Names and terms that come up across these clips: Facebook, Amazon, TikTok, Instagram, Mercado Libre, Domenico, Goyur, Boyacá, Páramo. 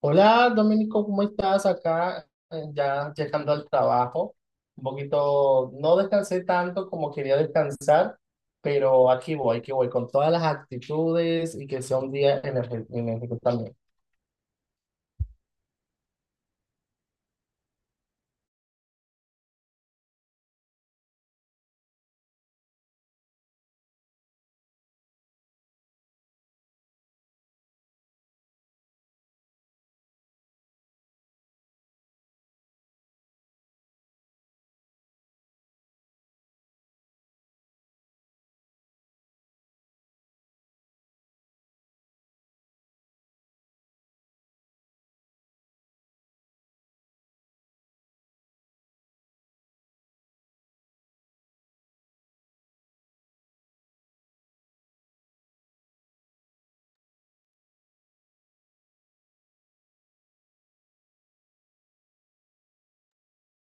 Hola, Domenico, ¿cómo estás acá? Ya llegando al trabajo. Un poquito, no descansé tanto como quería descansar, pero aquí voy con todas las actitudes y que sea un día energético también.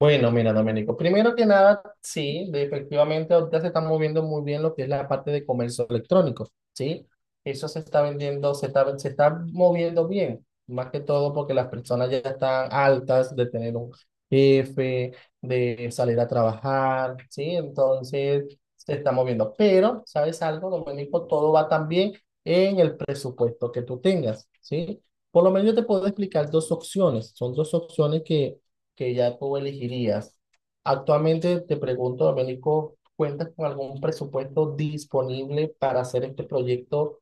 Bueno, mira, Domenico, primero que nada, sí, efectivamente ahorita se está moviendo muy bien lo que es la parte de comercio electrónico, ¿sí? Eso se está vendiendo, se está moviendo bien, más que todo porque las personas ya están altas de tener un jefe, de salir a trabajar, ¿sí? Entonces se está moviendo. Pero, ¿sabes algo, Domenico? Todo va también en el presupuesto que tú tengas, ¿sí? Por lo menos yo te puedo explicar dos opciones, son dos opciones que ya tú elegirías. Actualmente te pregunto, Domenico, ¿cuentas con algún presupuesto disponible para hacer este proyecto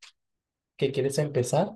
que quieres empezar?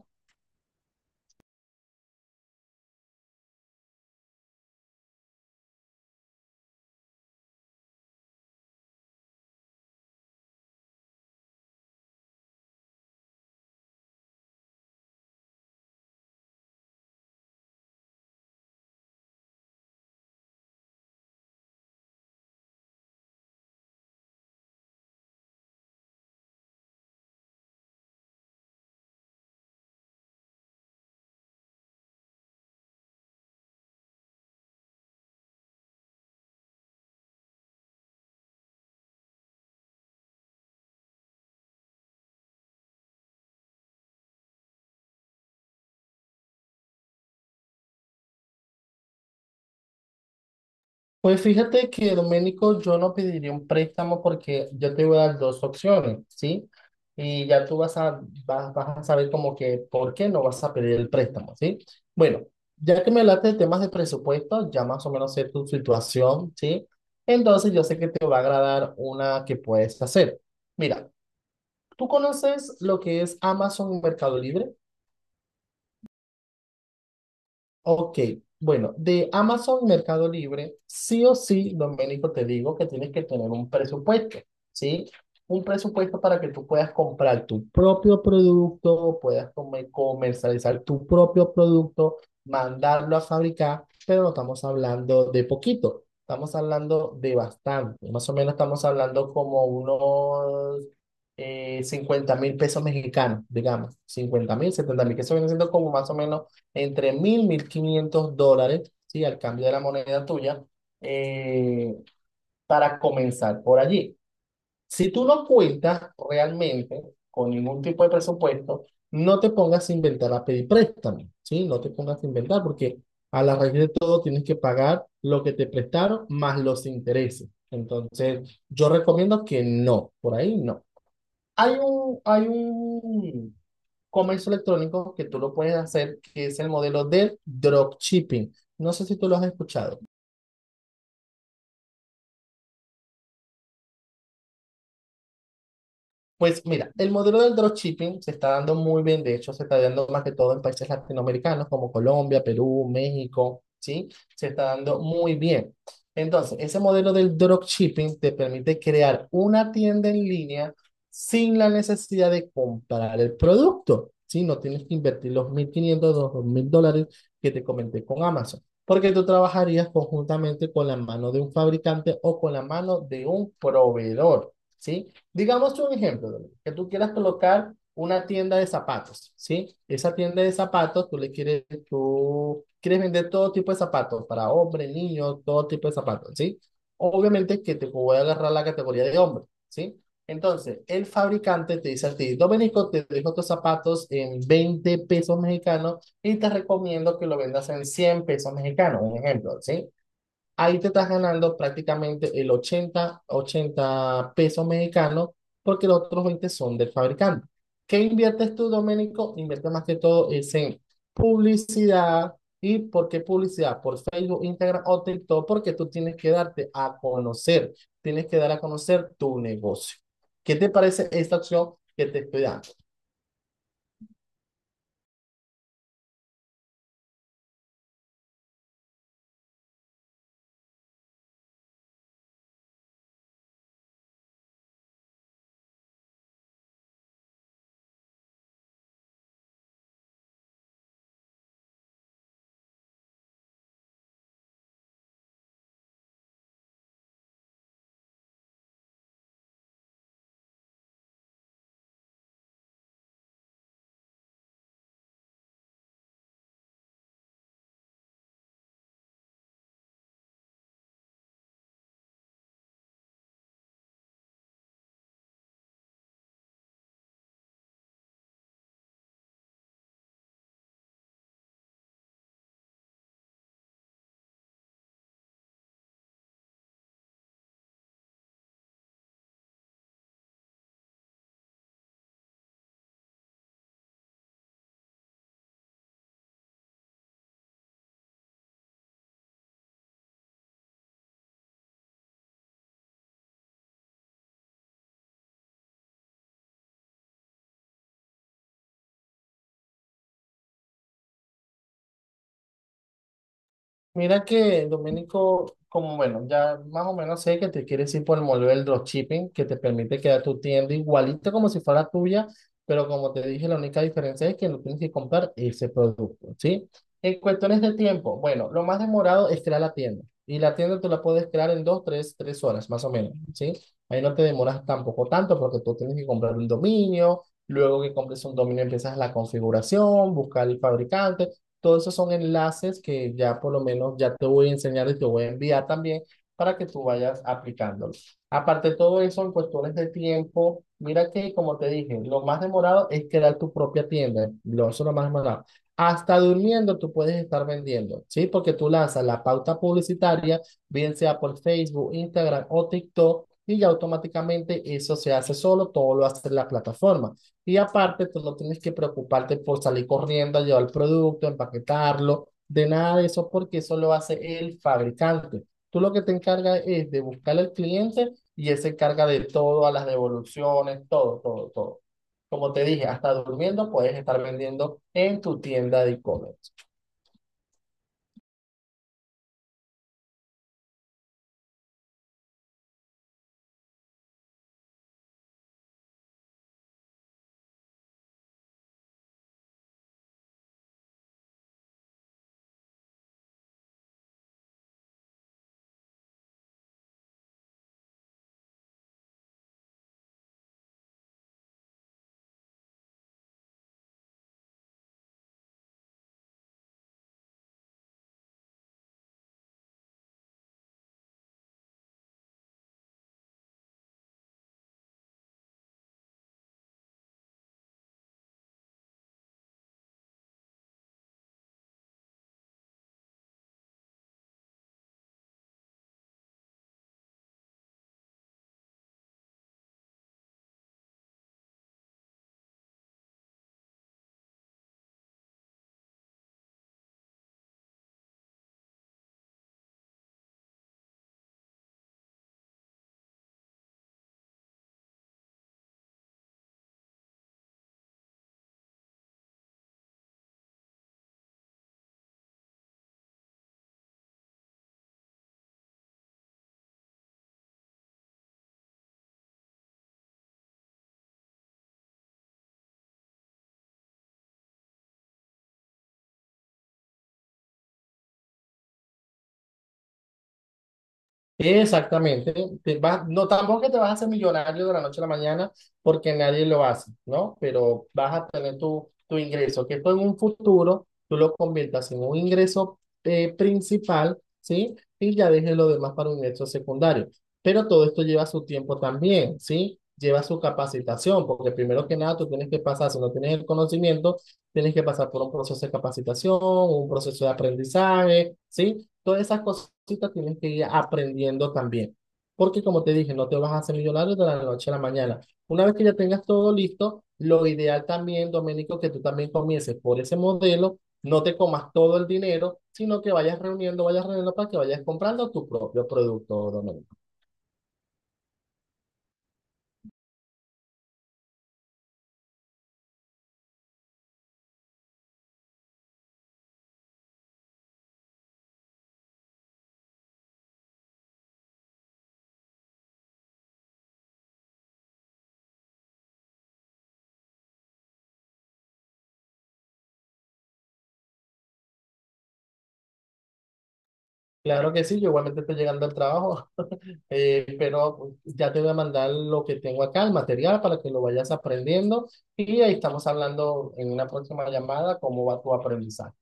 Pues fíjate que, Domenico, yo no pediría un préstamo porque yo te voy a dar dos opciones, ¿sí? Y ya tú vas a saber como que por qué no vas a pedir el préstamo, ¿sí? Bueno, ya que me hablaste de temas de presupuesto, ya más o menos sé tu situación, ¿sí? Entonces yo sé que te va a agradar una que puedes hacer. Mira, ¿tú conoces lo que es Amazon y Mercado Libre? Ok, bueno, de Amazon Mercado Libre, sí o sí, Doménico, te digo que tienes que tener un presupuesto, ¿sí? Un presupuesto para que tú puedas comprar tu propio producto, puedas comercializar tu propio producto, mandarlo a fabricar, pero no estamos hablando de poquito, estamos hablando de bastante, más o menos estamos hablando como unos 50 mil pesos mexicanos, digamos, 50,000, 70,000, que eso viene siendo como más o menos entre 1000, 1500 dólares, ¿sí? Al cambio de la moneda tuya, eh, para comenzar por allí. Si tú no cuentas realmente con ningún tipo de presupuesto, no te pongas a inventar a pedir préstamo, ¿sí? No te pongas a inventar porque a la raíz de todo tienes que pagar lo que te prestaron más los intereses. Entonces, yo recomiendo que no, por ahí no. Hay un comercio electrónico que tú lo puedes hacer, que es el modelo del dropshipping. No sé si tú lo has escuchado. Pues mira, el modelo del dropshipping se está dando muy bien, de hecho se está dando más que todo en países latinoamericanos como Colombia, Perú, México, ¿sí? Se está dando muy bien. Entonces, ese modelo del dropshipping te permite crear una tienda en línea sin la necesidad de comprar el producto, ¿sí? No tienes que invertir los 1500 2000 dólares que te comenté con Amazon, porque tú trabajarías conjuntamente con la mano de un fabricante o con la mano de un proveedor. ¿Sí? Digamos un ejemplo, que tú quieras colocar una tienda de zapatos, ¿sí? Esa tienda de zapatos, tú quieres vender todo tipo de zapatos, para hombres, niños, todo tipo de zapatos, ¿sí? Obviamente que te voy a agarrar la categoría de hombre, ¿sí? Entonces, el fabricante te dice a ti, Domenico, te dejo tus zapatos en 20 pesos mexicanos y te recomiendo que lo vendas en 100 pesos mexicanos, un ejemplo, ¿sí? Ahí te estás ganando prácticamente el ochenta pesos mexicanos porque los otros 20 son del fabricante. ¿Qué inviertes tú, Doménico? Inviertes más que todo es en publicidad. ¿Y por qué publicidad? Por Facebook, Instagram o TikTok, porque tú tienes que darte a conocer, tienes que dar a conocer tu negocio. ¿Qué te parece esta opción que te estoy dando? Mira que, Domenico, como bueno, ya más o menos sé que te quieres ir por el modelo del dropshipping, que te permite crear tu tienda igualito como si fuera tuya, pero como te dije, la única diferencia es que no tienes que comprar ese producto, ¿sí? En cuestiones de tiempo, bueno, lo más demorado es crear la tienda. Y la tienda tú la puedes crear en dos, tres, horas, más o menos, ¿sí? Ahí no te demoras tampoco tanto porque tú tienes que comprar un dominio, luego que compres un dominio empiezas la configuración, buscar el fabricante. Todos esos son enlaces que ya por lo menos ya te voy a enseñar y te voy a enviar también para que tú vayas aplicándolo. Aparte de todo eso, en cuestiones de tiempo, mira que como te dije, lo más demorado es crear tu propia tienda. Eso es lo más demorado. Hasta durmiendo tú puedes estar vendiendo, ¿sí? Porque tú lanzas la pauta publicitaria, bien sea por Facebook, Instagram o TikTok, y ya automáticamente eso se hace solo, todo lo hace la plataforma. Y aparte, tú no tienes que preocuparte por salir corriendo a llevar el producto, empaquetarlo, de nada de eso, porque eso lo hace el fabricante. Tú lo que te encargas es de buscar al cliente y él se encarga de todo, a las devoluciones, todo, todo, todo. Como te dije, hasta durmiendo puedes estar vendiendo en tu tienda de e-commerce. Exactamente. No, tampoco que te vas a hacer millonario de la noche a la mañana porque nadie lo hace, ¿no? Pero vas a tener tu ingreso, que esto en un futuro tú lo conviertas en un ingreso principal, ¿sí? Y ya dejes lo demás para un ingreso secundario. Pero todo esto lleva su tiempo también, ¿sí? Lleva su capacitación, porque primero que nada tú tienes que pasar, si no tienes el conocimiento, tienes que pasar por un proceso de capacitación, un proceso de aprendizaje, ¿sí? Todas esas cositas tienes que ir aprendiendo también. Porque como te dije, no te vas a hacer millonario de la noche a la mañana. Una vez que ya tengas todo listo, lo ideal también, Doménico, que tú también comiences por ese modelo, no te comas todo el dinero, sino que vayas reuniendo para que vayas comprando tu propio producto, Doménico. Claro que sí, yo igualmente estoy llegando al trabajo, pero ya te voy a mandar lo que tengo acá, el material, para que lo vayas aprendiendo y ahí estamos hablando en una próxima llamada cómo va tu aprendizaje.